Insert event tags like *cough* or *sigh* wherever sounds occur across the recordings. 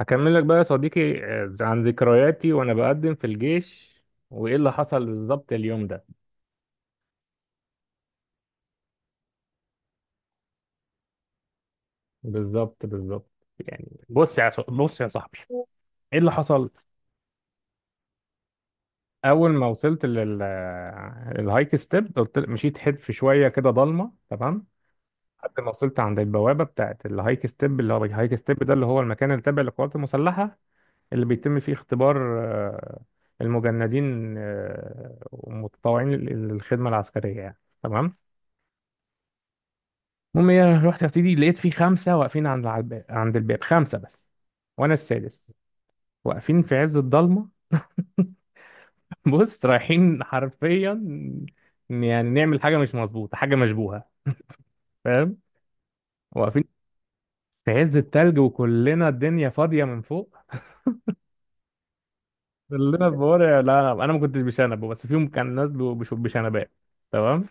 هكمل لك بقى يا صديقي عن ذكرياتي وانا بقدم في الجيش، وايه اللي حصل بالظبط اليوم ده. بالظبط. يعني بص يا صاحبي، ايه اللي حصل. اول ما وصلت الهايك ستيب، قلت مشيت حتف شويه كده، ضلمه، تمام. لحد ما وصلت عند البوابه بتاعت الهايك ستيب، اللي هو الهايك ستيب ده اللي هو المكان اللي تابع للقوات المسلحه، اللي بيتم فيه اختبار المجندين والمتطوعين للخدمه العسكريه يعني، تمام. المهم ايه، رحت يا سيدي لقيت في خمسه واقفين عند الباب خمسه بس وانا السادس، واقفين في عز الضلمه. *laughs* بص رايحين حرفيا يعني نعمل حاجه مش مظبوطه، حاجه مشبوهه، فاهم. واقفين في عز التلج وكلنا الدنيا فاضيه من فوق، كلنا بورع، لا انا ما كنتش بشنب بس فيهم كان ناس بيبقوا بشنبات، تمام.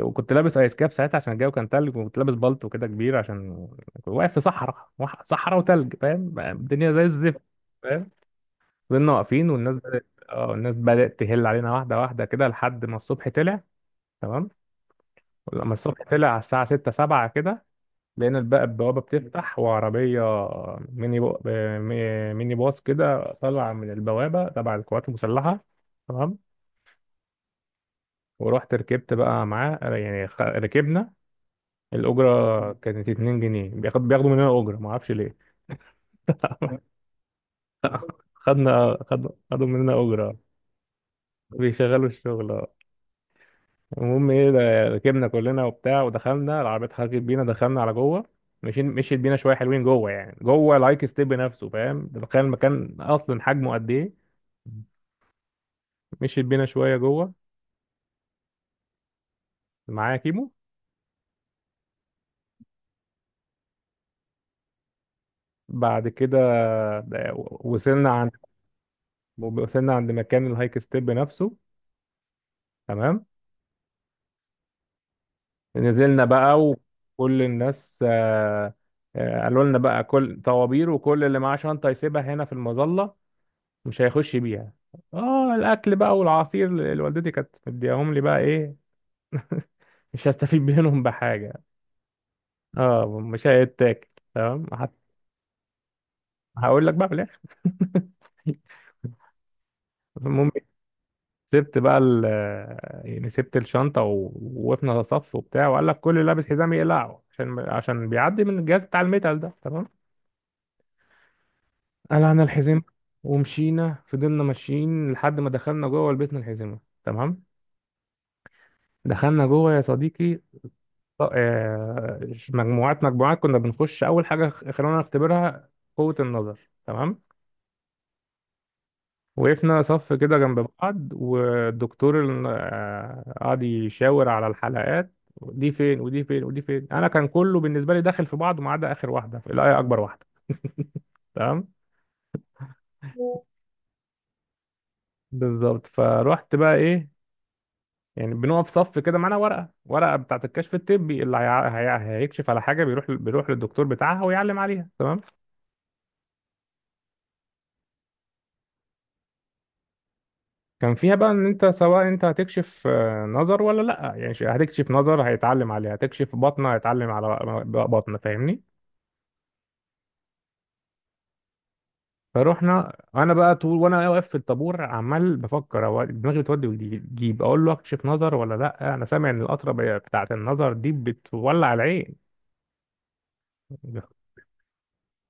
وكنت لابس ايس كاب ساعتها عشان الجو كان تلج، وكنت لابس بلطو كده كبير عشان كنت واقف في صحراء وتلج، فاهم الدنيا زي الزفت. فضلنا واقفين والناس بدأت اه الناس بدأت تهل علينا واحدة واحدة كده لحد ما الصبح طلع. تمام. لما الصبح طلع على الساعة 6 7 كده، لقينا بقى البوابة بتفتح وعربية ميني بو... آه، مي- ميني باص كده طلع من البوابة تبع القوات المسلحة، تمام. ورحت ركبت بقى معاه يعني ركبنا. الأجرة كانت 2 جنيه، بياخدوا مننا أجرة معرفش ليه. خدنا خدوا مننا أجرة. بيشغلوا الشغل. المهم ايه، ركبنا كلنا وبتاع، ودخلنا، العربية اتحركت بينا دخلنا على جوه. مشيت بينا شوية حلوين جوه، يعني جوه الهايك ستيب نفسه، فاهم ده، تخيل المكان أصلا حجمه قد ايه. مشيت بينا شوية جوه، معايا كيمو. بعد كده، ده- وصلنا عند مكان الهايك ستيب نفسه، تمام. نزلنا بقى وكل الناس قالوا لنا بقى كل طوابير، وكل اللي معاه شنطة يسيبها هنا في المظلة، مش هيخش بيها. اه الاكل بقى والعصير اللي والدتي كانت مدياهم لي بقى ايه، مش هستفيد منهم بحاجه. اه مش هيتاكل. تمام هت- هقول لك بقى في الاخر. *laughs* المهم، سبت بقى ال يعني سبت الشنطه ووقفنا صف وبتاع، وقال لك كل اللي لابس حزام يقلعه عشان بيعدي من الجهاز بتاع الميتال ده، تمام. قلعنا الحزام، ومشينا، فضلنا ماشيين لحد ما دخلنا جوه ولبسنا الحزمه، تمام. دخلنا جوه يا صديقي، ط- آه، مجموعات مجموعات كنا بنخش، اول حاجه خلونا نختبرها قوه النظر، تمام. وقفنا صف كده جنب بعض، والدكتور قعد يشاور على الحلقات دي فين ودي فين ودي فين. انا كان كله بالنسبه لي داخل في بعضه، ما عدا اخر واحده اللي هي اكبر واحده، تمام. بالظبط، فروحت بقى ايه، يعني بنقف صف كده معانا ورقه، ورقه بتاعت الكشف الطبي اللي هيكشف على حاجه بيروح للدكتور بتاعها ويعلم عليها، تمام. كان فيها بقى ان انت، سواء انت هتكشف نظر ولا لا، يعني هتكشف نظر هيتعلم عليها، هتكشف بطنه هيتعلم على بطنه، فاهمني. فروحنا، انا بقى طول وانا واقف في الطابور عمال بفكر، هو دماغي بتودي وتجيب، اقول له اكشف نظر ولا لا، انا سامع ان القطره بتاعه النظر دي بتولع العين،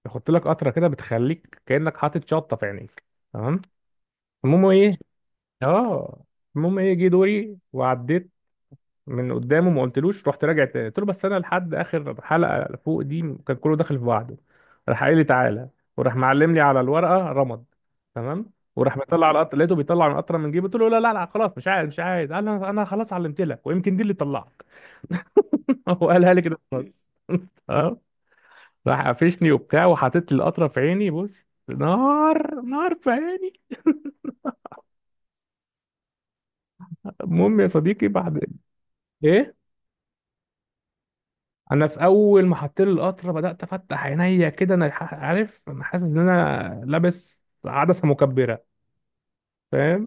يحط لك قطره كده بتخليك كانك حاطط شطه في عينيك، تمام. المهم ايه اه المهم ايه، جه دوري وعديت من قدامه ما قلتلوش، رحت راجع تاني قلت له بس انا لحد اخر حلقه فوق دي، كان كله داخل في بعضه. راح قايل لي تعالى، وراح معلم لي على الورقه رمض، تمام. وراح مطلع على القطر، لقيته بيطلع من قطره من جيبه، قلت له لا خلاص مش عايز مش عايز. قال انا خلاص علمت لك، ويمكن دي اللي طلعك. *laughs* هو قالها لي كده خلاص. *laughs* اه. راح قفشني وبتاع وحاطط لي القطره في عيني، بص نار، نار في عيني. المهم يا صديقي بعد ايه، انا في اول ما حطيت لي القطره بدات افتح عينيا كده، انا عارف، انا حاسس ان انا لابس عدسه مكبره، فاهم.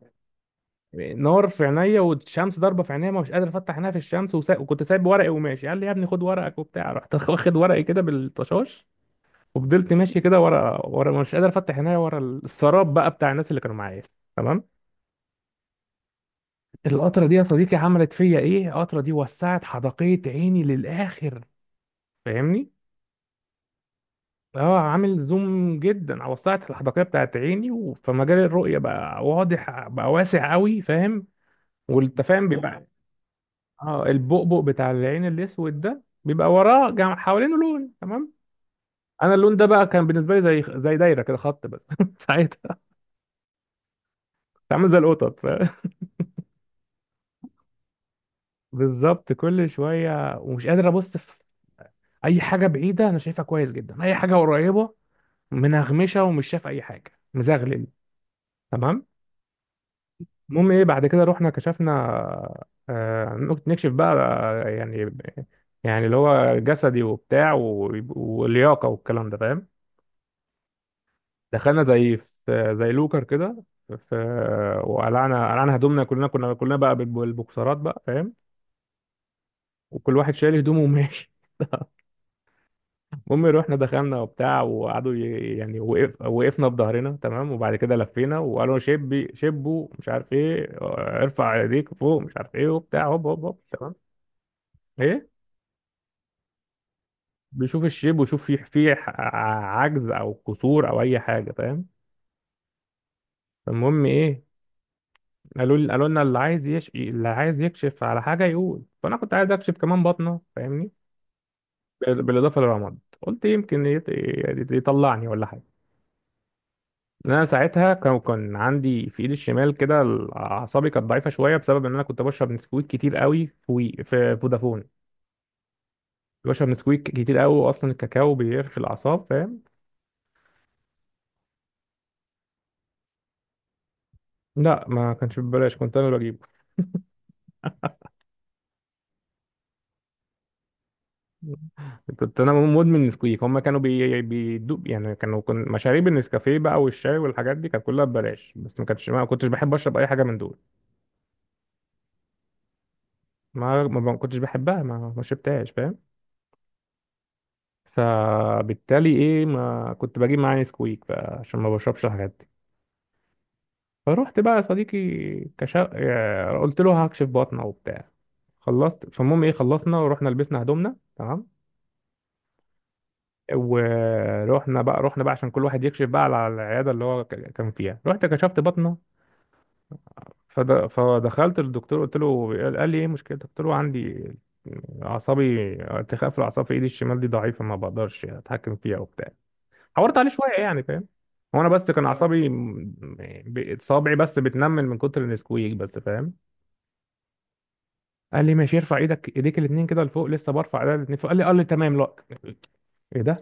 نار في عينيا، والشمس ضاربه في عينيا، ما مش قادر افتح عينيا في الشمس، وكنت سايب ورقي وماشي، قال لي يا ابني خد ورقك وبتاع، رحت *laughs* واخد ورقي كده بالطشاش، وفضلت ماشي كده ورا ورا مش قادر افتح عينيا، ورا السراب بقى بتاع الناس اللي كانوا معايا، تمام. القطره دي يا صديقي عملت فيا ايه، القطره دي وسعت حدقيه عيني للاخر، فاهمني. اه عامل زوم جدا، على وسعت الحدقية بتاعت عيني، فمجال الرؤية بقى واضح، بقى واسع قوي، فاهم. والتفاهم فاهم بيبقى. اه البؤبؤ بتاع العين الاسود ده بيبقى حوالينه لون، تمام. انا اللون ده بقى كان بالنسبة لي زي دايرة كده، خط بس. *laughs* ساعتها كنت عامل زي القطط، فاهم؟ *laughs* بالظبط. كل شوية ومش قادر ابص في اي حاجة بعيدة، انا شايفها كويس جدا، اي حاجة قريبة منغمشة ومش شايف اي حاجة، مزغلل، تمام. المهم ايه، بعد كده رحنا كشفنا نكشف بقى يعني اللي هو جسدي وبتاع واللياقه والكلام ده، فاهم. دخلنا زي لوكر كده في، وقلعنا هدومنا، كلنا كنا كلنا بقى بالبوكسرات بقى، فاهم. وكل واحد شايل هدومه وماشي. *laughs* المهم رحنا دخلنا وبتاع، وقعدوا وقفنا بظهرنا، تمام، وبعد كده لفينا، وقالوا شبوا مش عارف ايه، ارفع ايديك فوق مش عارف ايه وبتاع، هوب هوب هوب، تمام. ايه، بيشوف الشيب، ويشوف فيه فيه عجز او قصور او اي حاجه، فاهم. فالمهم ايه، قالوا لي، قالوا لنا اللي عايز يش... اللي عايز يكشف على حاجه يقول، فانا كنت عايز اكشف كمان بطنه، فاهمني. بالاضافه للرمد، قلت يمكن يطلعني ولا حاجه. انا ساعتها كان عندي في ايدي الشمال كده اعصابي كانت ضعيفه شويه، بسبب ان انا كنت بشرب نسكويك كتير قوي في فودافون. بشرب نسكويك كتير قوي، اصلا الكاكاو بيرخي الاعصاب، فاهم. لا ما كانش ببلاش، كنت انا اللي بجيبه. كنت انا مدمن نسكويك. هم كانوا بيدوق، يعني كانوا مشاريب النسكافيه بقى والشاي والحاجات دي كانت كلها ببلاش، بس ما كنتش بحب اشرب اي حاجه من دول. ما كنتش بحبها ما شربتهاش، فاهم. فبالتالي ايه، ما كنت بجيب معايا نسكويك بقى عشان ما بشربش الحاجات دي. فروحت بقى يا صديقي، كشا... آه، قلت له هكشف بطنه وبتاع، خلصت. فالمهم ايه، خلصنا ورحنا لبسنا هدومنا، تمام. ورحنا بقى عشان كل واحد يكشف بقى على العياده اللي هو كان فيها، رحت كشفت بطنه. فدخلت للدكتور قلت له، قال لي ايه مشكلتك، قلت له عندي اعصابي، ارتخاء في الاعصاب في ايدي الشمال دي، ضعيفه ما بقدرش اتحكم فيها وبتاع، حورت عليه شويه يعني، فاهم. هو انا بس كان اعصابي صابعي بس بتنمل من كتر النسكويك بس، فاهم. قال لي ماشي، ارفع ايديك الاثنين كده لفوق، لسه برفع ايدي الاثنين فوق، قال لي تمام، لا ايه ده.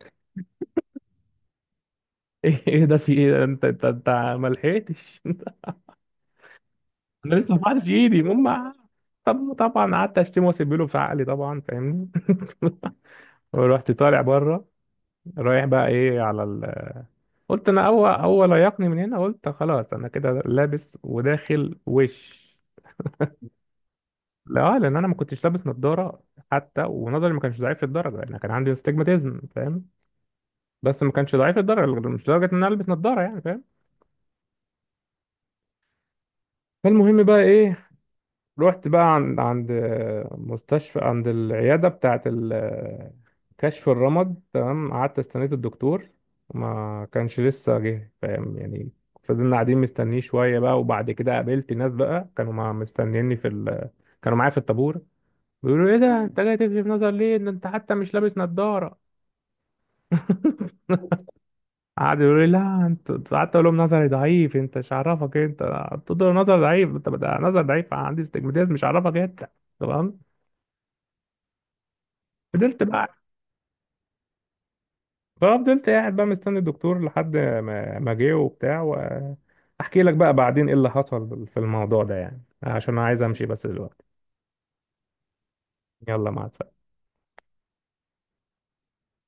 *laughs* إيه ده، في ايه ده؟ انت ما لحقتش. *laughs* انا لسه ما رفعتش ايدي ماما. طب طبعا قعدت اشتمه واسيب له في عقلي طبعا، فاهمني. ورحت طالع بره، رايح بقى ايه على قلت انا اول يقني من هنا، قلت خلاص انا كده لابس وداخل وش. لا، لان انا ما كنتش لابس نظاره، حتى ونظري ما كانش ضعيف للدرجه، انا كان عندي استجماتيزم، فاهم. بس ما كانش ضعيف للدرجه، مش لدرجه ان انا البس نظاره يعني، فاهم. فالمهم بقى ايه، رحت بقى عند مستشفى، عند العيادة بتاعة كشف الرمد، تمام. قعدت استنيت الدكتور، ما كانش لسه جه، فاهم يعني. فضلنا قاعدين مستنيه شوية بقى، وبعد كده قابلت ناس بقى كانوا مع مستنيني في كانوا معايا في الطابور، بيقولوا ايه ده انت جاي تكشف نظر ليه، ده انت حتى مش لابس نظارة. *laughs* قعدوا يقولوا لي لا انت، قعدت اقول لهم نظري ضعيف، انت مش عارفك انت. قلت له نظر ضعيف انت، ده نظر ضعيف عندي استجماتيزم، مش عارفك انت، تمام. فضلت بقى، ففضلت قاعد بقى مستني الدكتور لحد ما ما جه وبتاع، واحكي لك بقى بعدين ايه اللي حصل في الموضوع ده، يعني عشان انا عايز امشي بس دلوقتي. يلا مع السلامة.